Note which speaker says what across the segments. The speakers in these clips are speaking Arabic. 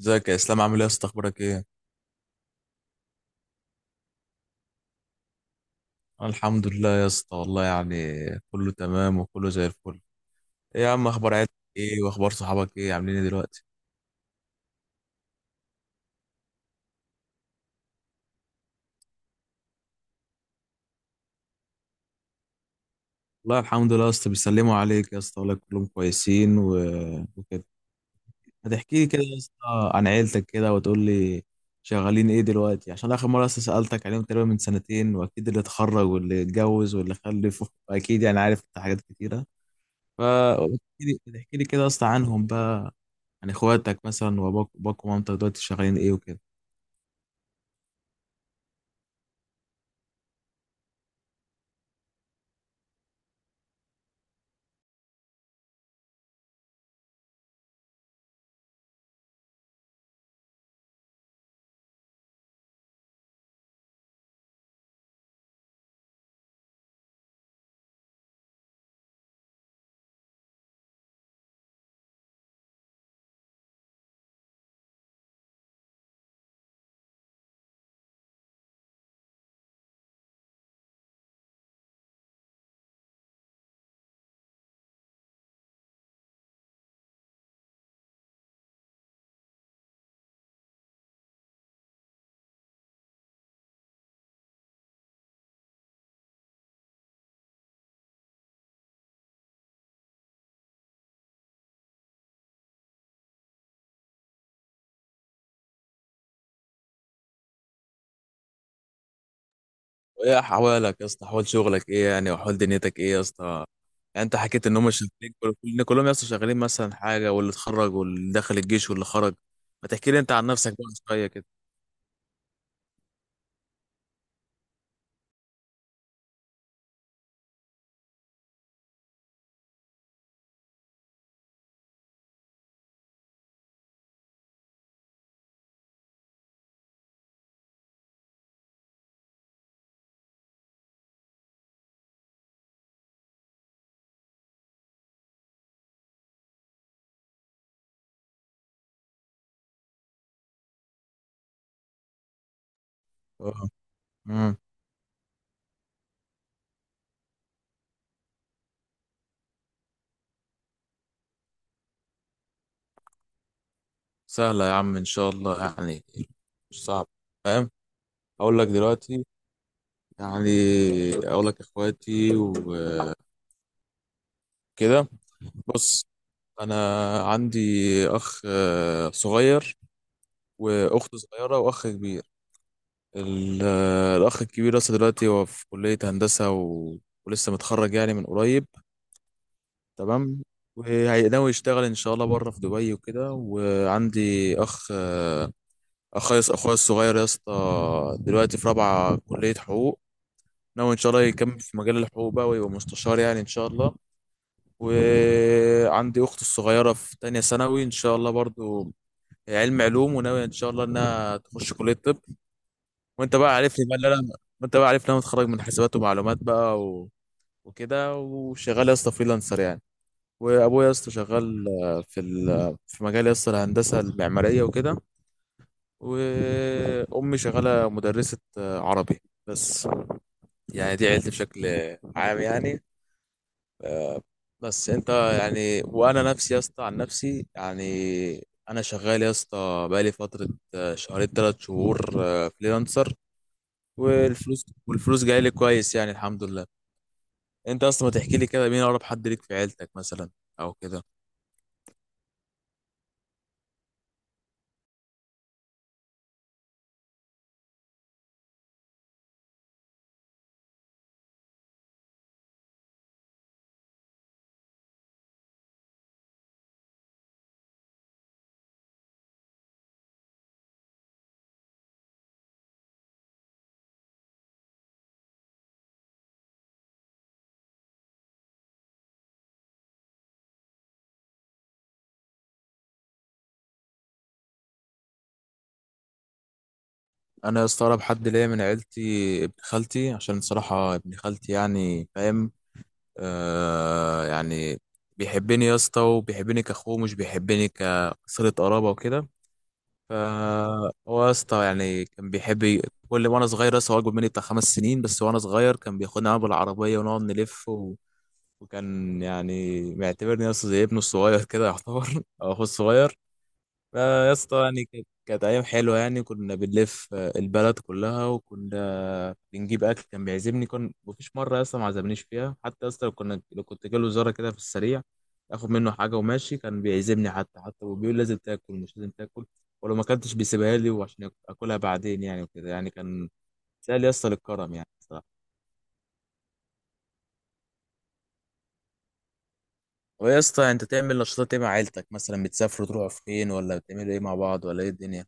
Speaker 1: ازيك يا اسلام، عامل ايه يا اسطى، اخبارك ايه؟ أنا الحمد لله يا اسطى، والله يعني كله تمام وكله زي الفل. ايه يا عم، اخبار عيلتك ايه واخبار صحابك ايه؟ عاملين ايه دلوقتي؟ والله الحمد لله يا اسطى، بيسلموا عليك يا اسطى والله، كلهم كويسين وكده. هتحكي لي كده يا اسطى عن عيلتك كده وتقول لي شغالين ايه دلوقتي، عشان اخر مره اصلا سالتك عليهم تقريبا من سنتين، واكيد اللي اتخرج واللي اتجوز واللي خلف، اكيد يعني عارف انت حاجات كتيره. فاحكي لي احكي لي كده يا اسطى عنهم بقى، يعني اخواتك مثلا واباك ومامتك دلوقتي شغالين ايه وكده. وايه احوالك يا اسطى، احوال شغلك ايه يعني، واحوال دنيتك ايه يا اسطى؟ يعني انت حكيت ان هم شغالين كلهم يا اسطى شغالين مثلا حاجه، واللي اتخرج واللي دخل الجيش واللي خرج. ما تحكي لي انت عن نفسك بقى شويه كده. اه. امم سهله يا عم ان شاء الله، يعني مش صعب فاهم. اقول لك دلوقتي يعني، اقول لك اخواتي وكده. بص، انا عندي اخ صغير، واخت صغيره، واخ كبير. ال- الاخ الكبير لسه دلوقتي هو في كليه هندسه، ولسه متخرج يعني من قريب. تمام، وهيناوي يشتغل ان شاء الله بره في دبي وكده. وعندي اخ اخويا الصغير يا اسطى دلوقتي في رابعه كليه حقوق، ناوي ان شاء الله يكمل في مجال الحقوق بقى ويبقى مستشار يعني ان شاء الله. وعندي اختي الصغيره في تانية ثانوي ان شاء الله، برضو هي علم علوم، وناوي ان شاء الله انها تخش كليه طب. وانت بقى عارفني بقى اللي انا وانت بقى عارفني انا متخرج من حسابات ومعلومات بقى، وكده وشغال يا اسطى فريلانسر يعني. وابويا يا اسطى شغال في مجال يا اسطى الهندسه المعماريه وكده. وامي شغاله مدرسه عربي بس، يعني دي عيلتي بشكل عام يعني. بس انت يعني وانا نفسي يا اسطى عن نفسي يعني، انا شغال يا اسطى بقالي فتره، شهرين 3 شهور، فريلانسر، والفلوس جايه لي كويس يعني الحمد لله. انت اصلا ما تحكي لي كده مين اقرب حد ليك في عيلتك مثلا، او كده. انا يا اسطى اقرب حد ليا من عيلتي ابن خالتي، عشان صراحة ابن خالتي يعني فاهم، يعني بيحبني يا اسطى، وبيحبني كاخوه، مش بيحبني كصلة قرابة وكده. فهو يا اسطى يعني كان بيحب كل وانا صغير لسه، هو اكبر مني بتاع 5 سنين بس، وانا صغير كان بياخدني معاه بالعربية ونقعد نلف، وكان يعني معتبرني يا اسطى زي ابنه الصغير كده يعتبر، او اخوه الصغير. يا اسطى يعني كانت ايام حلوه يعني، كنا بنلف البلد كلها، وكنا بنجيب اكل، كان بيعزمني، كان مفيش مره يا اسطى ما عزمنيش فيها، حتى يا اسطى لو كنت جاله زياره كده في السريع، اخد منه حاجه وماشي، كان بيعزمني، حتى وبيقول لازم تاكل مش لازم تاكل، ولو ما اكلتش بيسيبها لي وعشان اكلها بعدين يعني، وكده يعني كان سهل يا اسطى للكرم يعني صراحه. هو يا اسطى، انت تعمل نشاطات ايه مع عيلتك مثلا؟ بتسافروا تروحوا فين، ولا بتعملوا ايه مع بعض ولا ايه الدنيا؟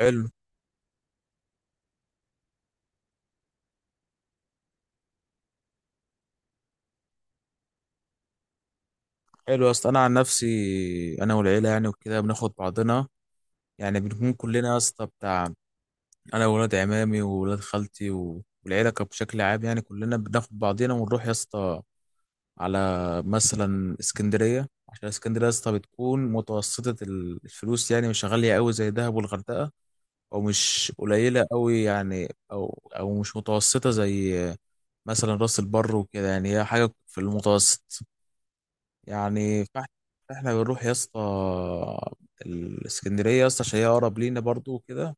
Speaker 1: حلو. حلو يا اسطى، انا عن نفسي انا والعيله يعني وكده بناخد بعضنا، يعني بنكون كلنا يا اسطى بتاع انا وولاد عمامي وولاد خالتي والعيله كانت بشكل عام يعني، كلنا بناخد بعضنا ونروح يا اسطى على مثلا اسكندريه، عشان اسكندريه يا اسطى بتكون متوسطه الفلوس يعني، مش غاليه قوي زي دهب والغردقه، او مش قليله قوي يعني، او مش متوسطه زي مثلا راس البر وكده، يعني هي حاجه في المتوسط يعني. فاحنا بنروح يا اسطى الاسكندريه يا اسطى، عشان هي اقرب لينا برضو وكده،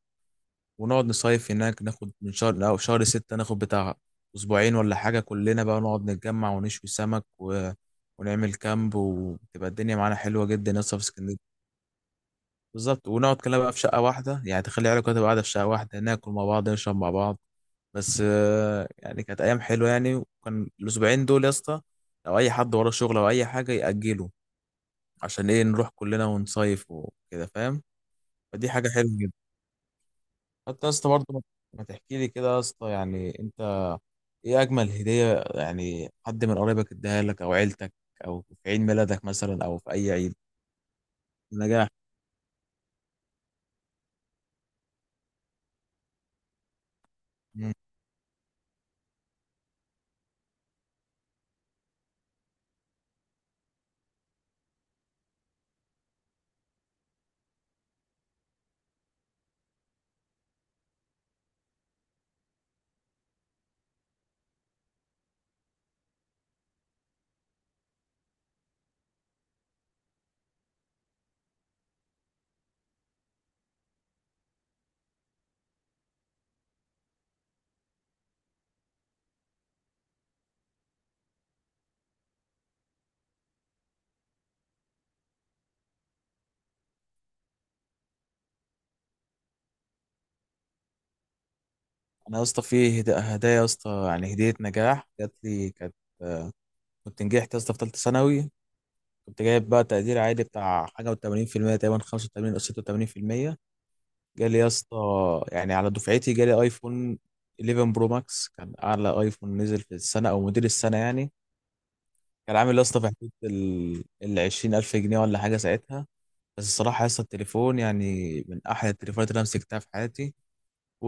Speaker 1: ونقعد نصيف هناك، ناخد من شهر او شهر ستة، ناخد بتاع اسبوعين ولا حاجه، كلنا بقى نقعد نتجمع ونشوي سمك، ونعمل كامب، وتبقى الدنيا معانا حلوه جدا يا اسطى في اسكندريه. بالظبط، ونقعد كلنا بقى في شقه واحده، يعني تخلي عيالك تبقى قاعده في شقه واحده، ناكل مع بعض، نشرب مع بعض، بس يعني كانت ايام حلوه يعني. وكان الاسبوعين دول يا اسطى لو اي حد وراه شغل او اي حاجه ياجله، عشان ايه؟ نروح كلنا ونصيف وكده فاهم، فدي حاجة حلوة جدا. حتى يا اسطى برضه، ما تحكي لي كده يا اسطى، يعني انت ايه اجمل هدية يعني حد من قرايبك اداها لك او عيلتك، او في عيد ميلادك مثلا، او في اي عيد؟ نجاح. مم. انا يا اسطى في هدايا يا اسطى، يعني هدية نجاح جات لي كانت، آه، كنت نجحت يا اسطى في ثالثة ثانوي، كنت جايب بقى تقدير عالي بتاع حاجة و80%، تقريبا 85 او 86%، جالي يا اسطى يعني على دفعتي، جالي ايفون 11 برو ماكس، كان اعلى ايفون نزل في السنه او موديل السنه يعني، كان عامل يا اسطى في حدود ال 20,000 جنيه ولا حاجه ساعتها. بس الصراحه يا اسطى التليفون يعني من احلى التليفونات اللي انا مسكتها في حياتي، و...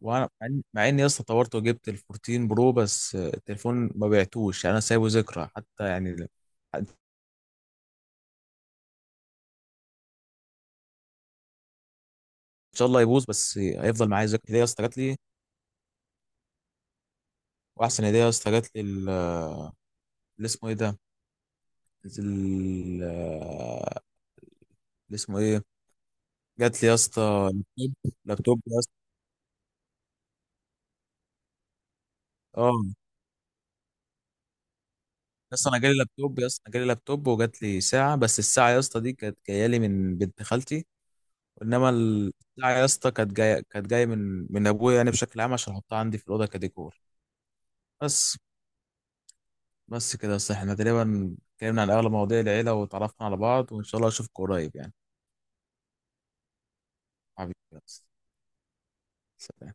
Speaker 1: وانا مع اني يا اسطى طورت وجبت ال 14 برو، بس التليفون ما بعتوش يعني، انا سايبه ذكرى حتى يعني ان شاء الله يبوظ، بس هيفضل معايا ذكرى هديه يا اسطى جات لي. واحسن هديه يا اسطى جات لي، اللي اسمه ايه ده، ال- اللي اسمه ايه، جات لي يا اسطى لابتوب، لابتوب يا اسطى. اه، يا اسطى انا جالي لابتوب يا اسطى، أنا جالي لابتوب، وجات لي ساعه، بس الساعه يا اسطى دي كانت جايه لي من بنت خالتي، انما الساعه يا اسطى كانت جايه من ابويا يعني بشكل عام، عشان احطها عندي في الاوضه كديكور بس. بس كده يا اسطى، احنا تقريبا اتكلمنا عن اغلب مواضيع العيله وتعرفنا على بعض، وان شاء الله اشوفك قريب يعني. حبيبي يا اسطى، سلام.